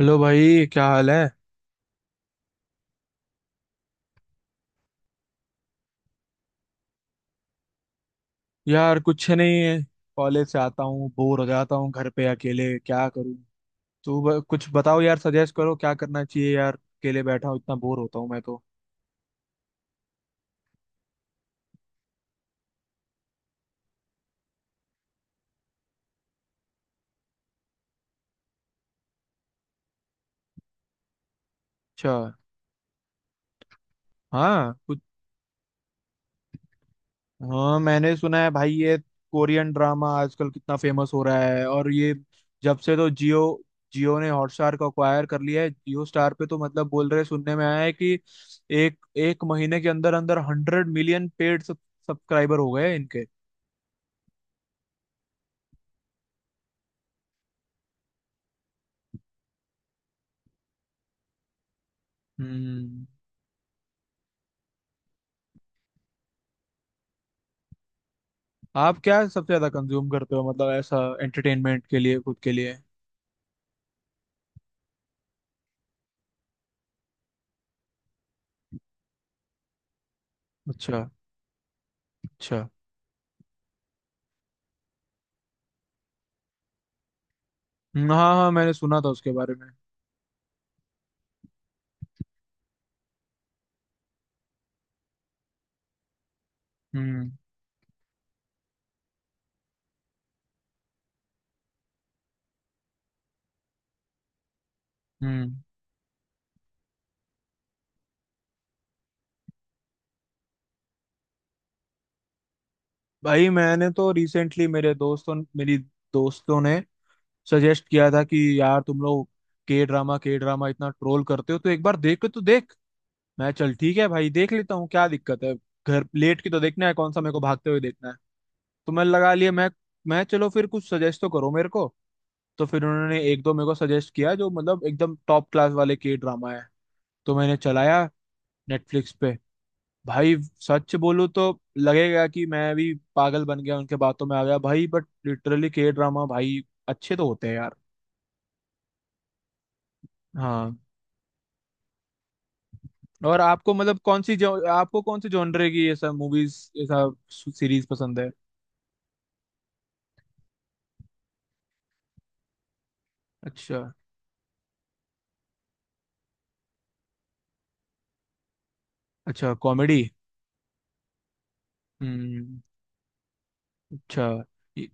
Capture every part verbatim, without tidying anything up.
Hello भाई, क्या हाल है। यार कुछ नहीं है। कॉलेज से आता हूँ, बोर हो जाता हूँ। घर पे अकेले क्या करूँ। तू ब- कुछ बताओ यार, सजेस्ट करो क्या करना चाहिए। यार अकेले बैठा हूँ, इतना बोर होता हूँ मैं तो। अच्छा। हाँ कुछ। हाँ, मैंने सुना है भाई, ये कोरियन ड्रामा आजकल कितना फेमस हो रहा है। और ये जब से तो जियो जियो ने हॉटस्टार को अक्वायर कर लिया है, जियो स्टार पे तो मतलब बोल रहे, सुनने में आया है कि एक एक महीने के अंदर अंदर हंड्रेड मिलियन पेड सब्सक्राइबर हो गए इनके। हम्म। आप क्या सबसे ज्यादा कंज्यूम करते हो मतलब ऐसा, एंटरटेनमेंट के लिए खुद के लिए। अच्छा। अच्छा। हम्म, हाँ हाँ, मैंने सुना था उसके बारे में। हम्म। हम्म। भाई मैंने तो रिसेंटली, मेरे दोस्तों मेरी दोस्तों ने सजेस्ट किया था कि यार तुम लोग के ड्रामा के ड्रामा इतना ट्रोल करते हो, तो एक बार देख के तो देख। मैं, चल ठीक है भाई, देख लेता हूँ क्या दिक्कत है। घर लेट के तो देखना है, कौन सा मेरे को भागते हुए देखना है। तो मैं लगा लिए। मैं मैं चलो फिर कुछ सजेस्ट तो करो मेरे को। तो फिर उन्होंने एक दो मेरे को सजेस्ट किया, जो मतलब एकदम टॉप क्लास वाले के ड्रामा है। तो मैंने चलाया नेटफ्लिक्स पे। भाई सच बोलूं तो लगेगा कि मैं भी पागल बन गया, उनके बातों में आ गया भाई, बट लिटरली के ड्रामा भाई अच्छे तो होते हैं यार। हाँ। और आपको मतलब कौन सी, जो आपको कौन सी जॉनरे की ऐसा मूवीज, ऐसा सीरीज पसंद है। अच्छा। अच्छा, कॉमेडी। हम्म। अच्छा। ये-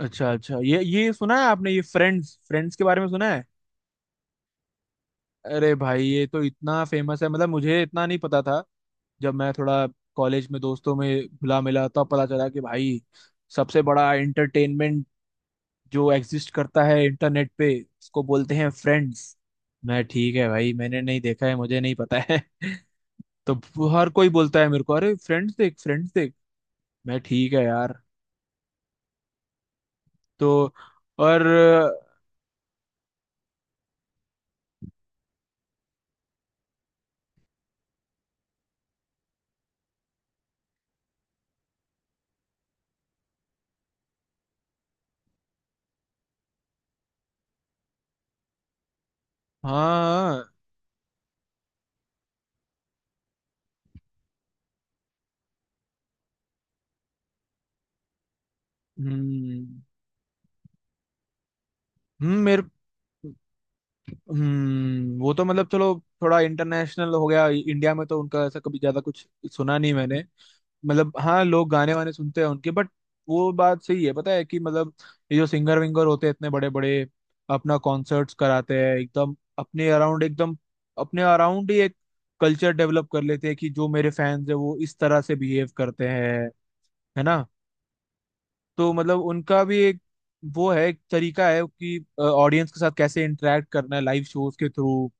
अच्छा अच्छा, ये ये सुना है आपने, ये फ्रेंड्स फ्रेंड्स के बारे में सुना है। अरे भाई ये तो इतना फेमस है, मतलब मुझे इतना नहीं पता था। जब मैं थोड़ा कॉलेज में दोस्तों में घुला मिला, तब पता चला कि भाई सबसे बड़ा एंटरटेनमेंट जो एग्जिस्ट करता है इंटरनेट पे, उसको बोलते हैं फ्रेंड्स। मैं, ठीक है भाई, मैंने नहीं देखा है, मुझे नहीं पता है। तो हर कोई बोलता है मेरे को, अरे फ्रेंड्स देख, फ्रेंड्स देख। मैं, ठीक है यार। तो। और। हाँ। हम्म। हम्म, मेरे हम्म वो तो मतलब चलो थोड़ा इंटरनेशनल हो गया, इंडिया में तो उनका ऐसा कभी ज्यादा कुछ सुना नहीं मैंने। मतलब हाँ, लोग गाने वाने सुनते हैं उनके, बट वो बात सही है, पता है कि मतलब ये जो सिंगर विंगर होते हैं इतने बड़े बड़े, अपना कॉन्सर्ट्स कराते हैं, एकदम अपने अराउंड एकदम अपने अराउंड ही एक कल्चर डेवलप कर लेते हैं कि जो मेरे फैंस है वो इस तरह से बिहेव करते हैं, है ना। तो मतलब उनका भी एक वो है, एक तरीका है कि ऑडियंस के साथ कैसे इंटरेक्ट करना है लाइव शोज के थ्रू,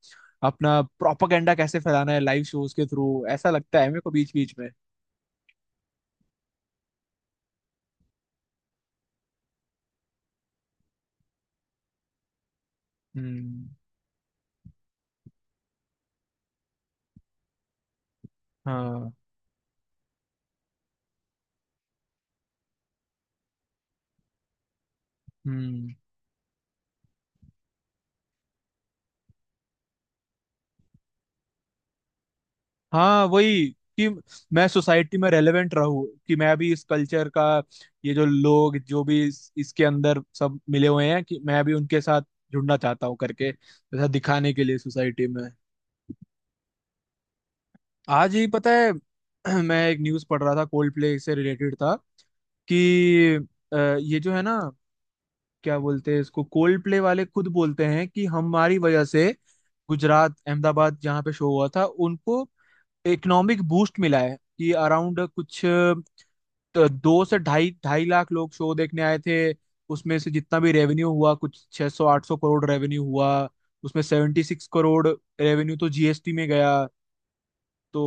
अपना प्रोपागेंडा कैसे फैलाना है लाइव शोज के थ्रू, ऐसा लगता है मेरे को बीच बीच में। हम्म। हाँ। हम्म। हाँ वही, कि मैं सोसाइटी में रेलेवेंट रहूं, कि मैं भी इस कल्चर का, ये जो लोग जो भी इस, इसके अंदर सब मिले हुए हैं, कि मैं भी उनके साथ जुड़ना चाहता हूँ करके ऐसा दिखाने के लिए सोसाइटी में। आज ही पता है, मैं एक न्यूज पढ़ रहा था, कोल्ड प्ले से रिलेटेड था, कि अ, ये जो है ना, क्या बोलते हैं इसको, कोल्ड प्ले वाले खुद बोलते हैं कि हमारी वजह से गुजरात अहमदाबाद जहाँ पे शो हुआ था, उनको इकोनॉमिक बूस्ट मिला है। कि अराउंड कुछ अ, दो से ढाई ढाई लाख लोग शो देखने आए थे। उसमें से जितना भी रेवेन्यू हुआ, कुछ छह सौ आठ सौ करोड़ रेवेन्यू हुआ। उसमें छिहत्तर करोड़ रेवेन्यू तो जी एस टी में गया। तो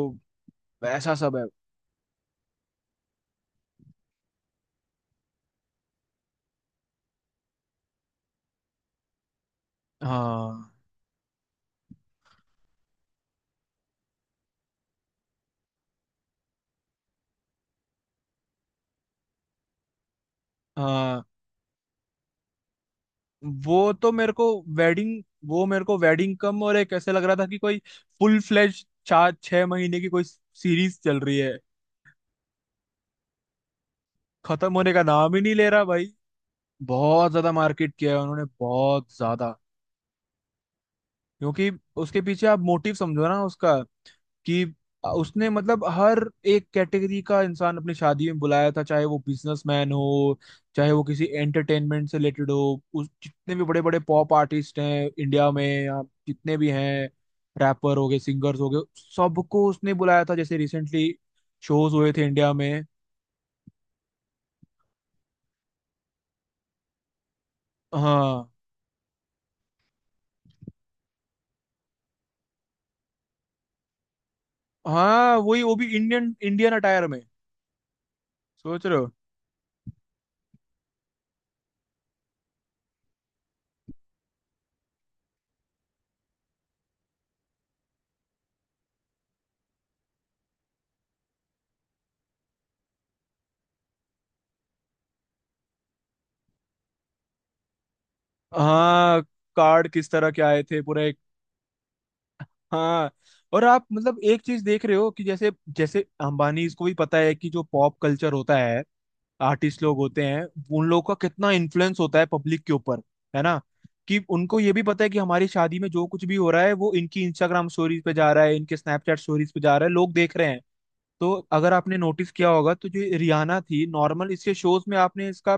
ऐसा सब है। हाँ। हाँ। वो तो मेरे को वेडिंग, वो मेरे को वेडिंग कम और एक ऐसे लग रहा था कि कोई फुल फ्लेज चार छह महीने की कोई सीरीज चल रही है, खत्म होने का नाम ही नहीं ले रहा भाई। बहुत ज्यादा मार्केट किया है उन्होंने बहुत ज्यादा। क्योंकि उसके पीछे आप मोटिव समझो ना उसका, कि उसने मतलब हर एक कैटेगरी का इंसान अपनी शादी में बुलाया था, चाहे वो बिजनेसमैन हो, चाहे वो किसी एंटरटेनमेंट से रिलेटेड हो, उस जितने भी बड़े बड़े पॉप आर्टिस्ट हैं इंडिया में, या जितने भी हैं, रैपर हो गए, सिंगर्स हो गए, सबको उसने बुलाया था। जैसे रिसेंटली शोज हुए थे इंडिया में। हाँ। हाँ वही, वो भी इंडियन इंडियन अटायर में। सोच रहे हो। हाँ, कार्ड किस तरह के आए थे, पूरा एक। हाँ। और आप मतलब एक चीज देख रहे हो कि जैसे, जैसे अंबानीज को भी पता है कि जो पॉप कल्चर होता है, आर्टिस्ट लोग होते हैं, उन लोगों का कितना इन्फ्लुएंस होता है पब्लिक के ऊपर, है ना। कि उनको ये भी पता है कि हमारी शादी में जो कुछ भी हो रहा है वो इनकी इंस्टाग्राम स्टोरीज पे जा रहा है, इनके स्नैपचैट स्टोरीज पे जा रहा है, लोग देख रहे हैं। तो अगर आपने नोटिस किया होगा तो जो रियाना थी, नॉर्मल इसके शोज में आपने इसका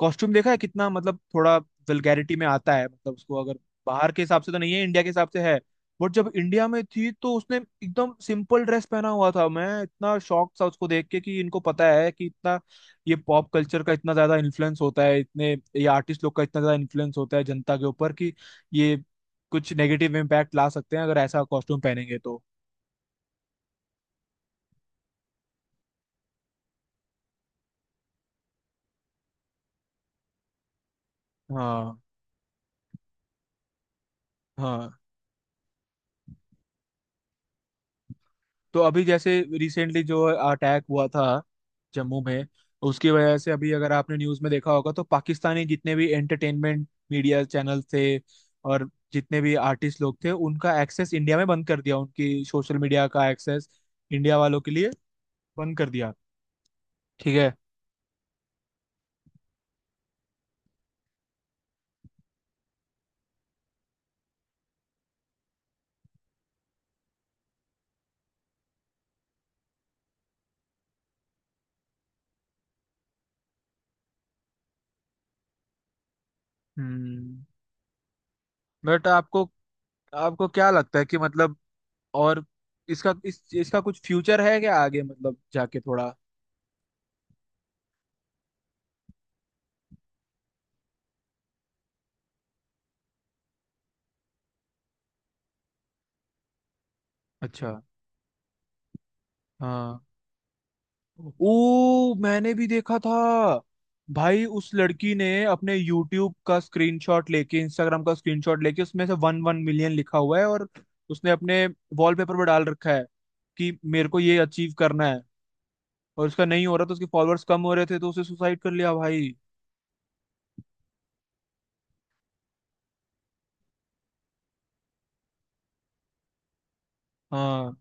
कॉस्ट्यूम देखा है कितना, मतलब थोड़ा वल्गैरिटी में आता है, मतलब उसको, अगर बाहर के हिसाब से तो नहीं है, इंडिया के हिसाब से है। बट जब इंडिया में थी तो उसने एकदम सिंपल ड्रेस पहना हुआ था। मैं इतना शॉक था उसको देख के, कि इनको पता है कि इतना ये पॉप कल्चर का इतना ज्यादा इन्फ्लुएंस होता है, इतने ये आर्टिस्ट लोग का इतना ज्यादा इन्फ्लुएंस होता है जनता के ऊपर, कि ये कुछ नेगेटिव इम्पैक्ट ला सकते हैं अगर ऐसा कॉस्ट्यूम पहनेंगे तो। हाँ। हाँ। तो अभी जैसे रिसेंटली जो अटैक हुआ था जम्मू में, उसकी वजह से अभी अगर आपने न्यूज़ में देखा होगा, तो पाकिस्तानी जितने भी एंटरटेनमेंट मीडिया चैनल थे और जितने भी आर्टिस्ट लोग थे, उनका एक्सेस इंडिया में बंद कर दिया, उनकी सोशल मीडिया का एक्सेस इंडिया वालों के लिए बंद कर दिया। ठीक है। हम्म। बट आपको, आपको क्या लगता है कि मतलब, और इसका, इस इसका कुछ फ्यूचर है क्या आगे, मतलब जाके थोड़ा। अच्छा। हाँ, ओ मैंने भी देखा था। भाई उस लड़की ने अपने यूट्यूब का स्क्रीनशॉट लेके, इंस्टाग्राम का स्क्रीनशॉट लेके, उसमें से वन वन मिलियन लिखा हुआ है, और उसने अपने वॉलपेपर पर डाल रखा है कि मेरे को ये अचीव करना है। और उसका नहीं हो रहा, तो उसके फॉलोअर्स कम हो रहे थे, तो उसे सुसाइड कर लिया भाई। हाँ।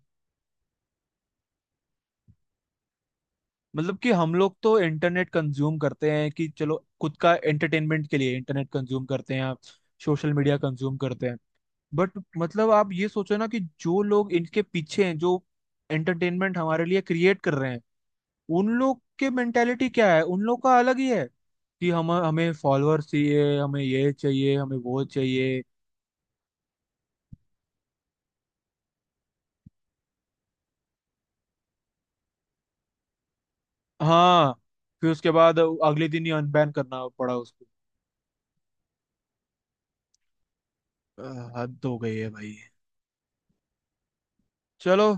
मतलब कि हम लोग तो इंटरनेट कंज्यूम करते हैं, कि चलो खुद का एंटरटेनमेंट के लिए इंटरनेट कंज्यूम करते हैं, आप सोशल मीडिया कंज्यूम करते हैं, बट मतलब आप ये सोचो ना कि जो लोग इनके पीछे हैं, जो एंटरटेनमेंट हमारे लिए क्रिएट कर रहे हैं, उन लोग के मेंटेलिटी क्या है, उन लोग का अलग ही है, कि हम हमें फॉलोअर्स चाहिए, हमें ये चाहिए, हमें वो चाहिए। हाँ। फिर उसके बाद अगले दिन ही अनबैन करना पड़ा उसको। अ, हद हो गई है भाई। चलो।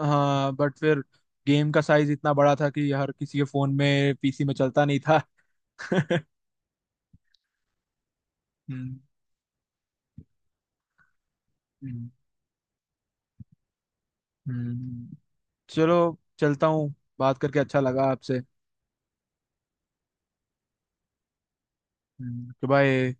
हाँ बट फिर गेम का साइज इतना बड़ा था कि हर किसी के फोन में, पी सी में चलता नहीं था। हम्म। हम्म। हम्म। चलो, चलता हूँ। बात करके अच्छा लगा आपसे। हम्म, कि भाई।